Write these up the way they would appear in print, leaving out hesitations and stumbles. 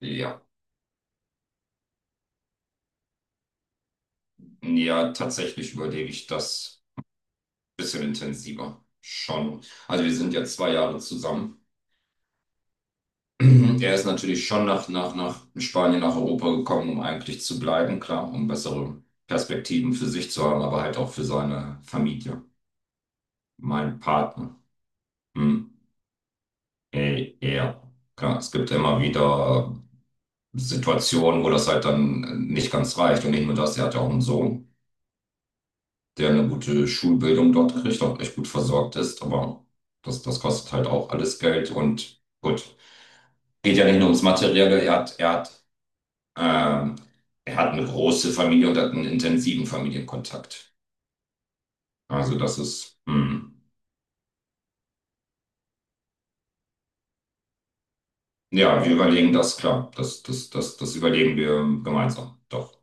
Ja, ja, tatsächlich überlege ich das ein bisschen intensiver. Schon. Also wir sind ja 2 Jahre zusammen. Er ist natürlich schon nach Spanien, nach Europa gekommen, um eigentlich zu bleiben, klar, um bessere Perspektiven für sich zu haben, aber halt auch für seine Familie, mein Partner. Hm. Ey, ja, klar, es gibt immer wieder Situationen, wo das halt dann nicht ganz reicht. Und nicht nur das, er hat ja auch einen Sohn, der eine gute Schulbildung dort kriegt, auch echt gut versorgt ist, aber das kostet halt auch alles Geld. Und gut, geht ja nicht nur ums Materielle, er hat ähm, er hat eine große Familie und hat einen intensiven Familienkontakt. Also das ist, hm. Ja, wir überlegen das, klar, das überlegen wir gemeinsam, doch.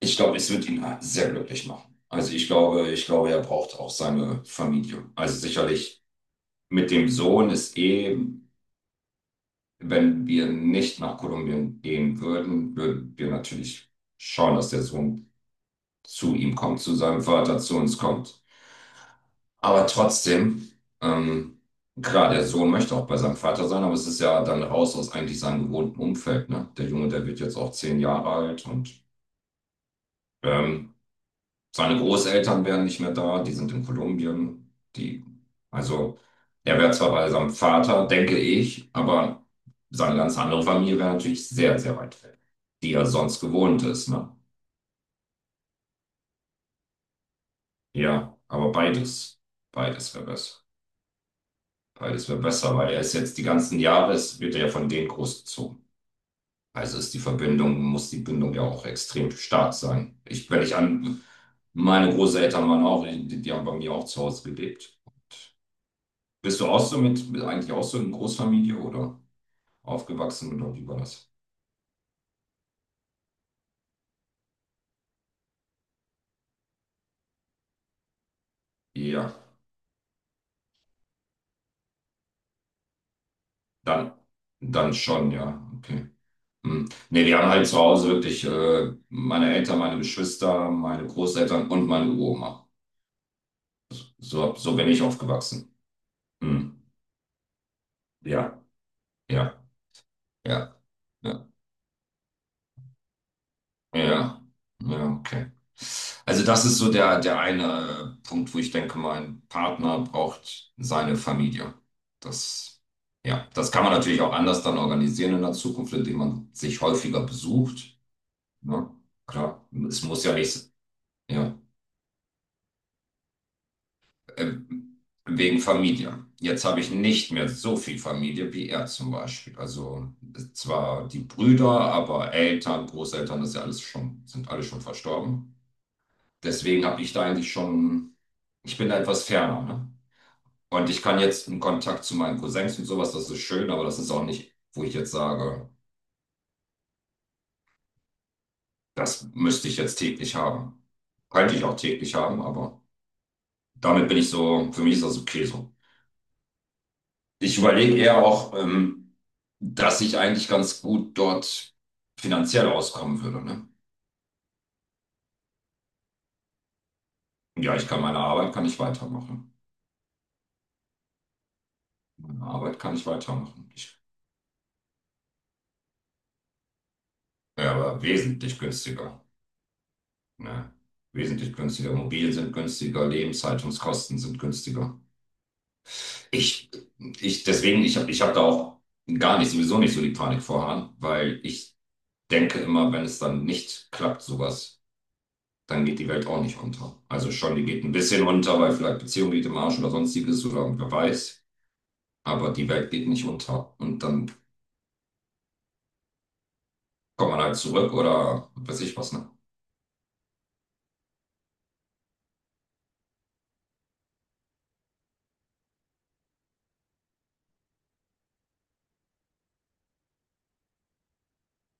Ich glaube, es wird ihn sehr glücklich machen. Also ich glaube, er braucht auch seine Familie. Also sicherlich mit dem Sohn ist eh. Wenn wir nicht nach Kolumbien gehen würden, würden wir natürlich schauen, dass der Sohn zu ihm kommt, zu seinem Vater, zu uns kommt. Aber trotzdem, ähm, klar, der Sohn möchte auch bei seinem Vater sein, aber es ist ja dann raus aus eigentlich seinem gewohnten Umfeld, ne? Der Junge, der wird jetzt auch 10 Jahre alt und ähm, seine Großeltern wären nicht mehr da, die sind in Kolumbien. Die, also, er wäre zwar bei seinem Vater, denke ich, aber seine ganz andere Familie wäre natürlich sehr, sehr weit weg, die er sonst gewohnt ist, ne? Ja, aber beides, beides wäre besser. Beides wäre besser, weil er ist jetzt die ganzen Jahre, es wird er ja von denen großgezogen. Also ist die Verbindung, muss die Bindung ja auch extrem stark sein. Ich, wenn ich an meine Großeltern waren auch, die, die haben bei mir auch zu Hause gelebt. Bist du auch so mit eigentlich auch so in Großfamilie oder aufgewachsen oder wie war das? Ja, dann, dann schon, ja, okay. Hm. Nee, wir haben halt zu Hause wirklich meine Eltern, meine Geschwister, meine Großeltern und meine Uroma. So, so bin ich aufgewachsen. Hm. Ja, ja, ja. Ja. Ja, ja, okay. Also das ist so der, der eine Punkt, wo ich denke, mein Partner braucht seine Familie. Das, ja, das kann man natürlich auch anders dann organisieren in der Zukunft, indem man sich häufiger besucht. Ne? Klar, es muss ja nicht, ja, wegen Familie. Jetzt habe ich nicht mehr so viel Familie wie er zum Beispiel. Also zwar die Brüder, aber Eltern, Großeltern, das ist ja alles schon, sind alle schon verstorben. Deswegen habe ich da eigentlich schon, ich bin da etwas ferner, ne? Und ich kann jetzt einen Kontakt zu meinen Cousins und sowas, das ist schön, aber das ist auch nicht, wo ich jetzt sage, das müsste ich jetzt täglich haben. Könnte ich auch täglich haben, aber damit bin ich so, für mich ist das okay so. Ich überlege eher auch, dass ich eigentlich ganz gut dort finanziell auskommen würde, ne? Ja, ich kann meine Arbeit, kann ich weitermachen. Meine Arbeit kann ich weitermachen. Ich, ja, aber wesentlich günstiger. Ne? Wesentlich günstiger. Immobilien sind günstiger, Lebenshaltungskosten sind günstiger. Ich, ich, deswegen, ich hab da auch gar nicht, sowieso nicht so die Panik vorhaben, weil ich denke immer, wenn es dann nicht klappt, sowas, dann geht die Welt auch nicht unter. Also schon, die geht ein bisschen unter, weil vielleicht Beziehung geht im Arsch oder sonstiges oder wer weiß. Aber die Welt geht nicht unter. Und dann kommt man halt zurück oder weiß ich was, ne?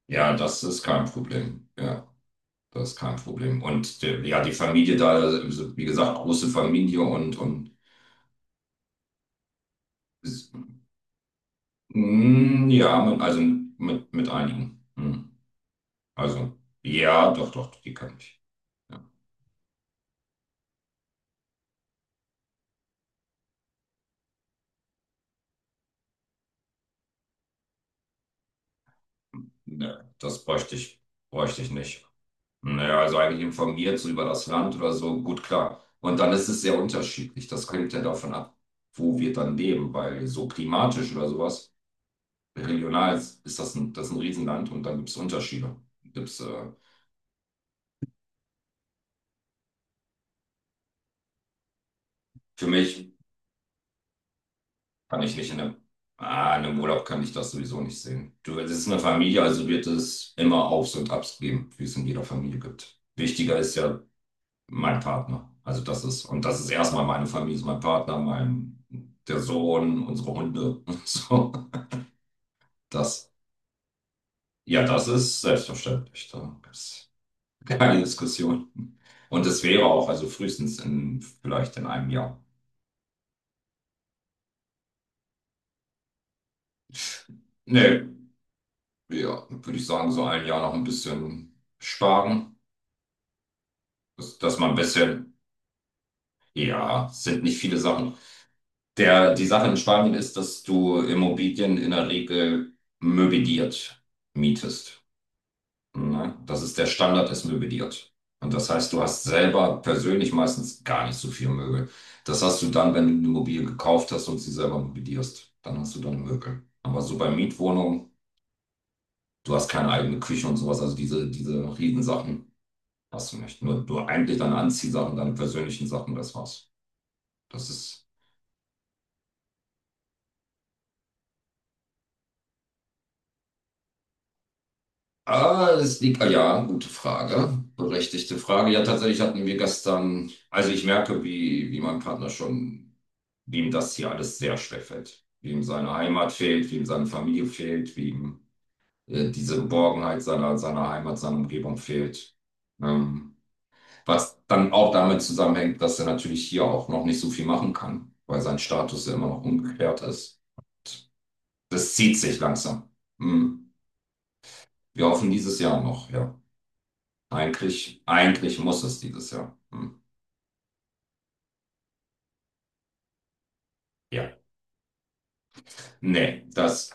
Ja, das ist kein Problem. Ja. Das ist kein Problem. Und der, ja, die Familie da, also, wie gesagt, große Familie und ist- mm, ja, mit einigen. Hm. Also, ja, doch, doch, die kann ich. Ja. Ne, bräuchte ich nicht. Naja, also eigentlich informiert so über das Land oder so, gut, klar. Und dann ist es sehr unterschiedlich. Das hängt ja davon ab, wo wir dann leben, weil so klimatisch oder sowas, regional ist, ist das ist ein Riesenland und dann gibt es Unterschiede. Gibt's, für mich. Kann ich nicht in einem, in einem Urlaub kann ich das sowieso nicht sehen. Du, es ist eine Familie, also wird es immer Aufs und Abs geben, wie es in jeder Familie gibt. Wichtiger ist ja mein Partner. Also das ist, und das ist erstmal meine Familie, ist mein Partner, mein, der Sohn, unsere Hunde. So, das, ja, das ist selbstverständlich. Da gibt's keine Diskussion. Und es wäre auch, also frühestens in, vielleicht in einem Jahr. Nee, ja, würde ich sagen, so ein Jahr noch ein bisschen sparen. dass man ein bisschen, ja, sind nicht viele Sachen. Der, die Sache in Spanien ist, dass du Immobilien in der Regel möbliert mietest. Ne? Das ist der Standard, ist möbliert. Und das heißt, du hast selber persönlich meistens gar nicht so viel Möbel. Das hast du dann, wenn du eine Immobilie gekauft hast und sie selber möblierst. Dann hast du deine Möbel. Aber so bei Mietwohnungen, du hast keine eigene Küche und sowas. Also diese Riesensachen hast du nicht. Nur eigentlich deine Anziehsachen, deine persönlichen Sachen, das war's. Das ist. Ah, das liegt, ah, ja, gute Frage, berechtigte Frage. Ja, tatsächlich hatten wir gestern, also ich merke, wie mein Partner schon, wie ihm das hier alles sehr schwer fällt. Wie ihm seine Heimat fehlt, wie ihm seine Familie fehlt, wie ihm diese Geborgenheit seiner, seiner Heimat, seiner Umgebung fehlt. Ähm, Was dann auch damit zusammenhängt, dass er natürlich hier auch noch nicht so viel machen kann, weil sein Status ja immer noch ungeklärt ist. Das zieht sich langsam. Hm. Wir hoffen dieses Jahr noch, ja. Eigentlich muss es dieses Jahr. Hm. Ja. Nee, das.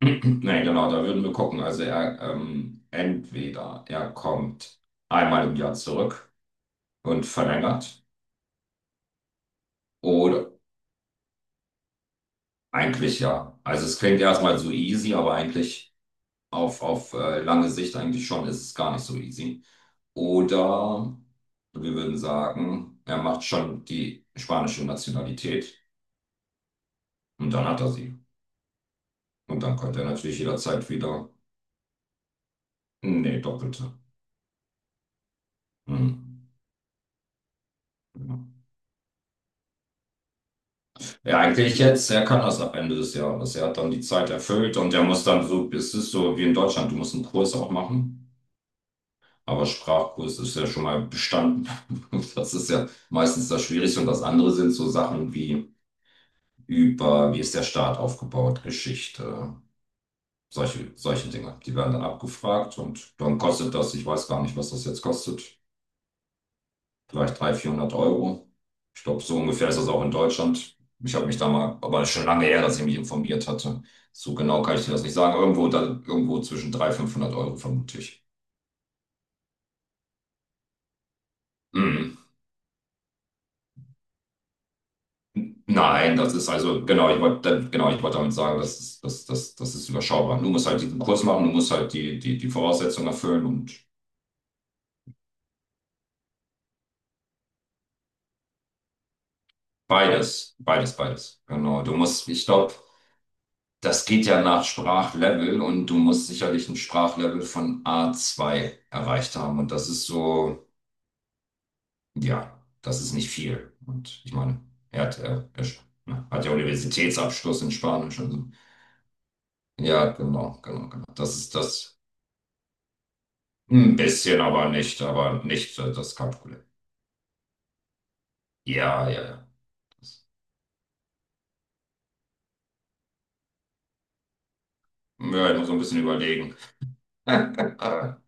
Nee, genau, da würden wir gucken. Also er entweder er kommt einmal im Jahr zurück und verlängert oder eigentlich ja. Also es klingt erstmal so easy, aber eigentlich auf, lange Sicht eigentlich schon ist es gar nicht so easy. Oder wir würden sagen, er macht schon die spanische Nationalität und dann hat er sie. Und dann könnte er natürlich jederzeit wieder. Nee, doppelte. Hm. Ja. Ja, eigentlich jetzt, er kann das ab Ende des Jahres. Er hat dann die Zeit erfüllt und er muss dann so, es ist so wie in Deutschland, du musst einen Kurs auch machen. Aber Sprachkurs ist ja schon mal bestanden. Das ist ja meistens das Schwierigste. Und das andere sind so Sachen wie über, wie ist der Staat aufgebaut, Geschichte, solche Dinge. Die werden dann abgefragt und dann kostet das, ich weiß gar nicht, was das jetzt kostet, vielleicht 300, 400 Euro. Ich glaube, so ungefähr ist das auch in Deutschland. Ich habe mich da mal, aber das ist schon lange her, dass ich mich informiert hatte. So genau kann ich dir das nicht sagen. Irgendwo, da, irgendwo zwischen 300, 500 Euro, vermute ich. Mhm. Nein, das ist also, genau, ich wollte damit sagen, das ist, das ist überschaubar. Du musst halt diesen Kurs machen, du musst halt die Voraussetzungen erfüllen und beides, beides, beides. Genau, du musst, ich glaube, das geht ja nach Sprachlevel und du musst sicherlich ein Sprachlevel von A2 erreicht haben. Und das ist so, ja, das ist nicht viel. Und ich meine, er hat, er sch- ne, hat ja Universitätsabschluss in Spanisch und so. Ja, genau, genau, genau. Das ist das. Ein bisschen, aber nicht, das ist kein Problem. Ja, ja, ja. Das, ja, ich muss so ein bisschen überlegen.